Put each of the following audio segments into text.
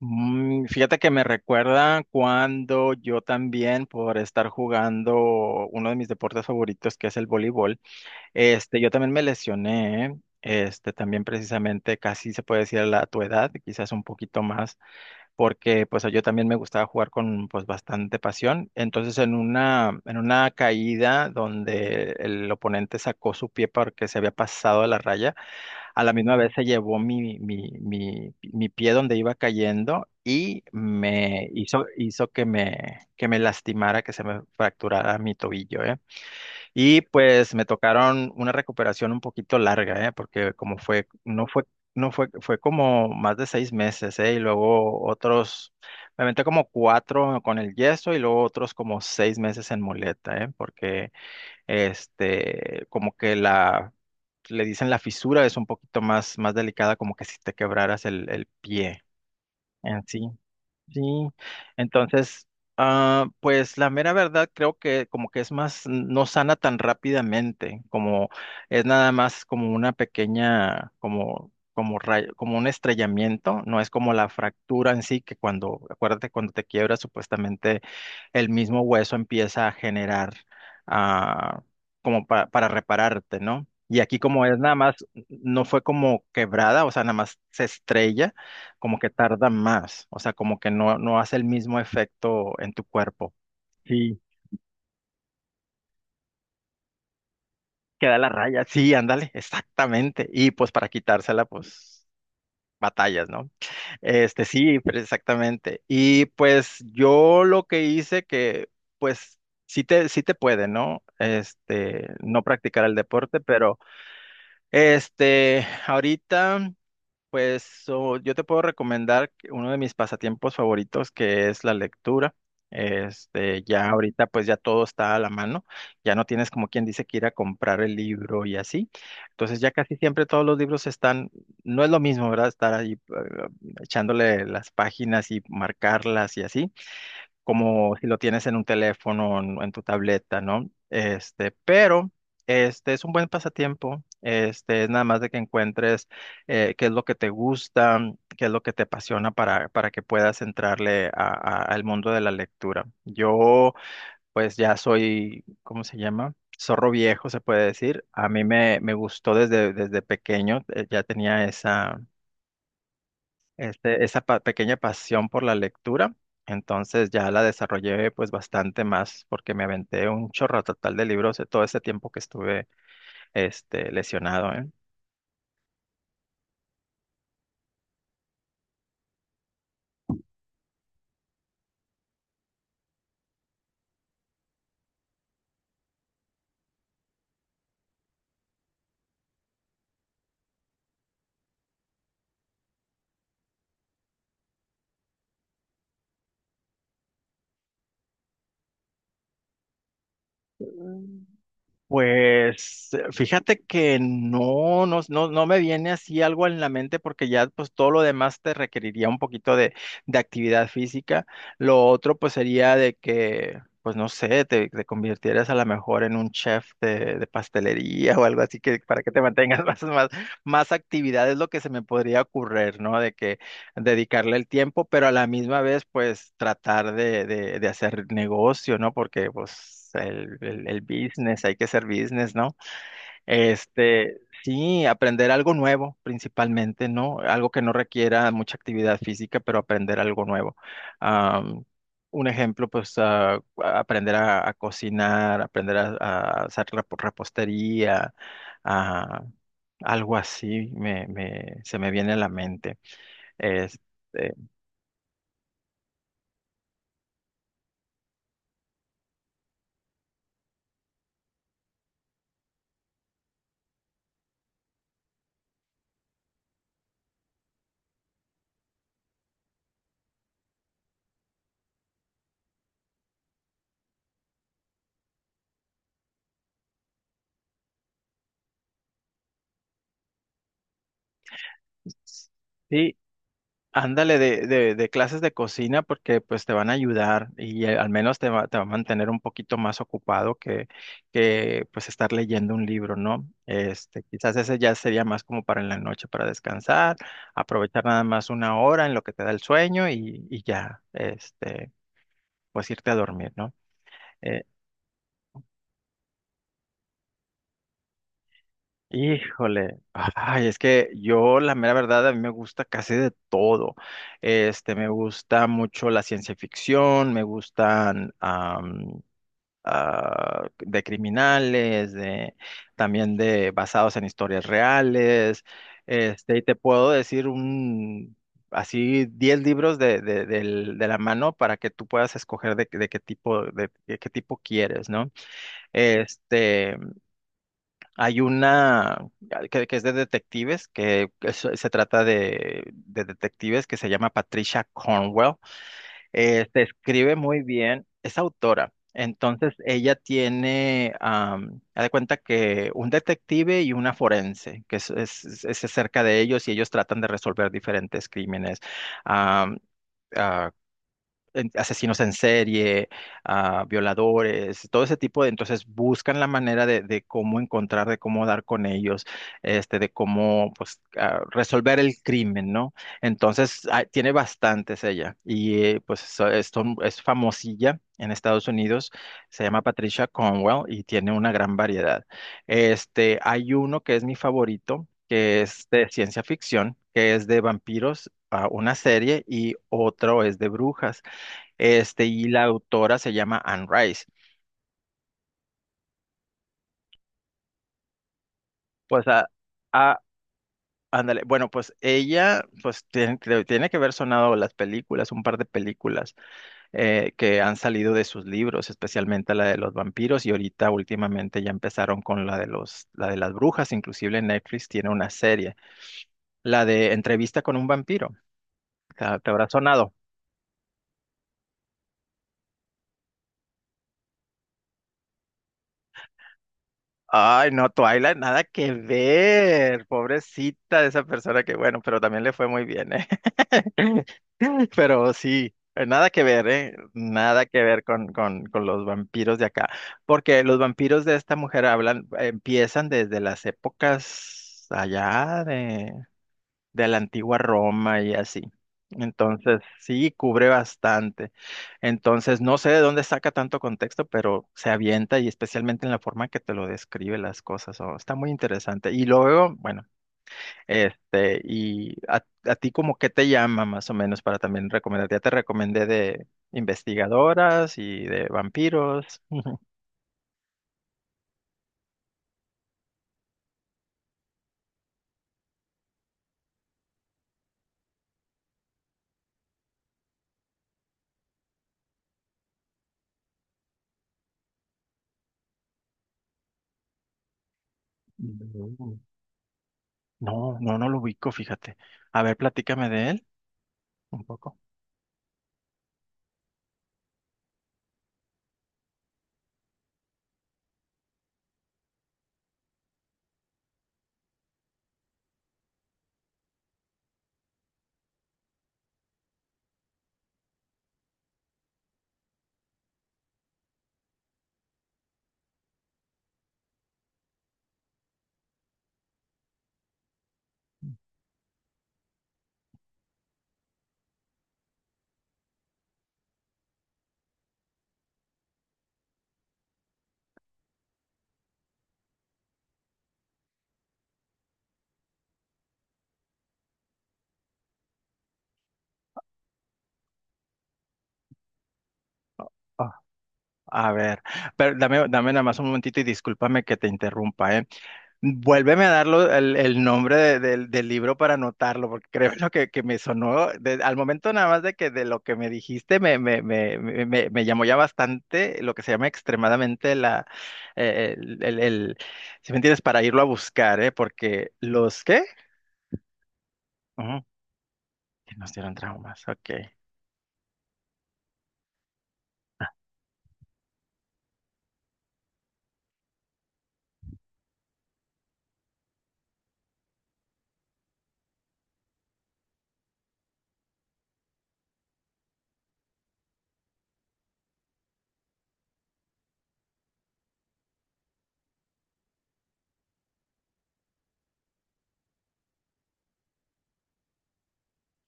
Fíjate que me recuerda cuando yo también, por estar jugando uno de mis deportes favoritos, que es el voleibol, yo también me lesioné, también precisamente casi se puede decir a tu edad, quizás un poquito más, porque pues yo también me gustaba jugar con pues bastante pasión. Entonces en una caída donde el oponente sacó su pie porque se había pasado a la raya, a la misma vez se llevó mi pie donde iba cayendo y hizo que me lastimara, que se me fracturara mi tobillo, ¿eh? Y pues me tocaron una recuperación un poquito larga, ¿eh? Porque como fue, no fue, fue como más de 6 meses, ¿eh? Y luego otros, me aventé como cuatro con el yeso y luego otros como 6 meses en muleta, ¿eh? Porque como que le dicen la fisura es un poquito más, más delicada, como que si te quebraras el pie en sí. Sí, entonces, pues la mera verdad creo que como que es más, no sana tan rápidamente, como es nada más como una pequeña, como rayo, como un estrellamiento, no es como la fractura en sí, que cuando, acuérdate, cuando te quiebras, supuestamente el mismo hueso empieza a generar, ah, como para repararte, ¿no? Y aquí como es nada más, no fue como quebrada, o sea, nada más se estrella como que tarda más, o sea, como que no hace el mismo efecto en tu cuerpo. Sí, queda la raya, sí, ándale, exactamente. Y pues para quitársela, pues batallas, ¿no? Sí, pero exactamente. Y pues yo lo que hice que, pues, sí te puede, ¿no? No practicar el deporte, pero ahorita. Pues yo te puedo recomendar que uno de mis pasatiempos favoritos que es la lectura. Ya ahorita pues ya todo está a la mano, ya no tienes como quien dice que ir a comprar el libro y así. Entonces ya casi siempre todos los libros están, no es lo mismo, ¿verdad? Estar ahí echándole las páginas y marcarlas y así como si lo tienes en un teléfono, en tu tableta, ¿no? Pero este es un buen pasatiempo. Es nada más de que encuentres qué es lo que te gusta, qué es lo que te apasiona para que puedas entrarle al mundo de la lectura. Yo, pues ya soy, ¿cómo se llama? Zorro viejo, se puede decir. A mí me gustó desde pequeño, ya tenía esa pequeña pasión por la lectura. Entonces ya la desarrollé pues bastante más porque me aventé un chorro total de libros de todo ese tiempo que estuve lesionado, ¿eh? Pues fíjate que no me viene así algo en la mente porque ya pues todo lo demás te requeriría un poquito de actividad física. Lo otro pues sería de que, pues no sé, te convirtieras a lo mejor en un chef de pastelería o algo así que para que te mantengas más actividad es lo que se me podría ocurrir, ¿no? De que dedicarle el tiempo, pero a la misma vez, pues tratar de hacer negocio, ¿no? Porque pues el business, hay que ser business, ¿no? Sí, aprender algo nuevo principalmente, ¿no? Algo que no requiera mucha actividad física, pero aprender algo nuevo. Am, un ejemplo, pues aprender a cocinar, aprender a hacer repostería, a... Algo así se me viene a la mente. Este, Sí, ándale de clases de cocina porque pues te van a ayudar y al menos te va a mantener un poquito más ocupado que pues estar leyendo un libro, ¿no? Quizás ese ya sería más como para en la noche, para descansar, aprovechar nada más una hora en lo que te da el sueño y ya, pues irte a dormir, ¿no? Híjole, ay, es que yo la mera verdad a mí me gusta casi de todo. Me gusta mucho la ciencia ficción, me gustan de criminales, de también de basados en historias reales. Y te puedo decir un así 10 libros de la mano para que tú puedas escoger de qué tipo quieres, ¿no? Este, hay una que es de detectives, se trata de detectives que se llama Patricia Cornwell. Se escribe muy bien, es autora. Entonces ella tiene, haz de cuenta que un detective y una forense, que es acerca de ellos y ellos tratan de resolver diferentes crímenes. Am, ah, asesinos en serie, violadores, todo ese tipo de, entonces buscan la manera de cómo encontrar, de cómo dar con ellos, de cómo pues resolver el crimen, ¿no? Entonces tiene bastantes ella y pues es famosilla. En Estados Unidos se llama Patricia Cornwell y tiene una gran variedad. Hay uno que es mi favorito, que es de ciencia ficción, que es de vampiros, una serie, y otro es de brujas. Y la autora se llama Anne Rice. Pues, a- ándale, bueno, pues ella, pues tiene, tiene que haber sonado las películas, un par de películas que han salido de sus libros, especialmente la de los vampiros, y ahorita últimamente ya empezaron con la de las brujas, inclusive Netflix tiene una serie, la de Entrevista con un vampiro, te habrá sonado. Ay, no, Twilight, nada que ver, pobrecita de esa persona que, bueno, pero también le fue muy bien, ¿eh? Pero sí, nada que ver, ¿eh? Nada que ver con los vampiros de acá. Porque los vampiros de esta mujer hablan, empiezan desde las épocas allá de la antigua Roma y así. Entonces, sí, cubre bastante. Entonces, no sé de dónde saca tanto contexto, pero se avienta y especialmente en la forma que te lo describe las cosas. Oh, está muy interesante. Y luego, bueno. Y a ti como qué te llama más o menos para también recomendar. Ya te recomendé de investigadoras y de vampiros. No. No, no, no lo ubico, fíjate. A ver, platícame de él un poco. Ah, a ver, pero dame nada más un momentito y discúlpame que te interrumpa, ¿eh? Vuélveme a darlo el nombre del libro para anotarlo, porque creo lo que me sonó, al momento nada más de que de lo que me dijiste me llamó ya bastante lo que se llama extremadamente la, eh, el, el, el- si me entiendes, para irlo a buscar, ¿eh? Porque los, ¿qué? Ujú, que nos dieron traumas, ok.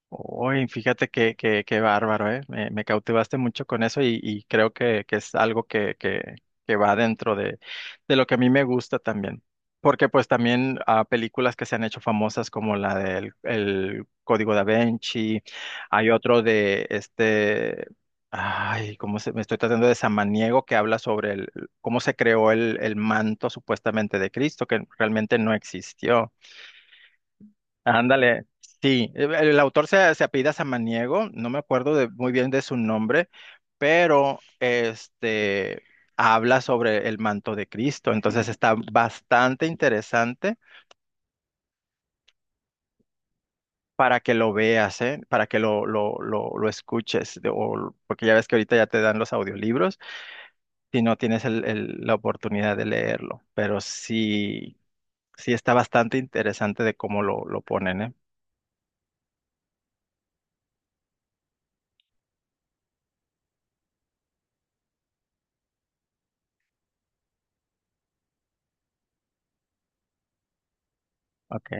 Uy, fíjate qué bárbaro, ¿eh? Me cautivaste mucho con eso y creo que es algo que va dentro de lo que a mí me gusta también. Porque pues también películas que se han hecho famosas como la del el Código da Vinci, hay otro de ay, cómo se, me estoy tratando de Samaniego que habla sobre el, cómo se creó el manto supuestamente de Cristo, que realmente no existió. Ándale, sí, el autor se apellida Samaniego, no me acuerdo muy bien de su nombre, pero este habla sobre el manto de Cristo, entonces está bastante interesante para que lo veas, ¿eh? Para que lo escuches, porque ya ves que ahorita ya te dan los audiolibros, si no tienes la oportunidad de leerlo, pero sí está bastante interesante de cómo lo ponen, ¿eh? Ok.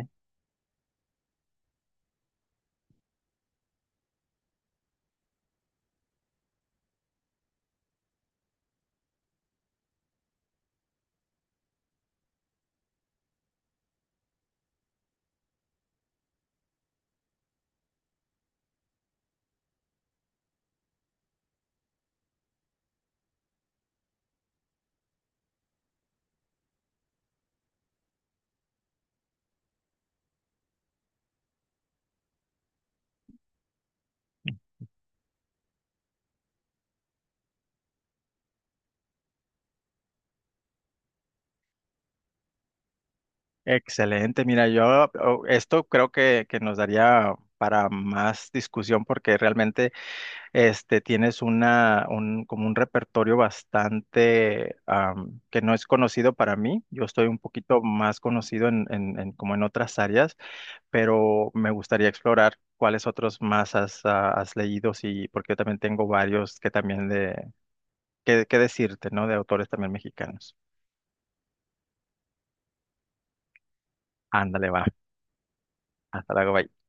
Excelente, mira, esto creo que nos daría para más discusión porque realmente tienes como un repertorio bastante que no es conocido para mí. Yo estoy un poquito más conocido como en otras áreas, pero me gustaría explorar cuáles otros más has leído y porque yo también tengo varios que también que decirte, ¿no? De autores también mexicanos. Ándale, va. Hasta luego, bye.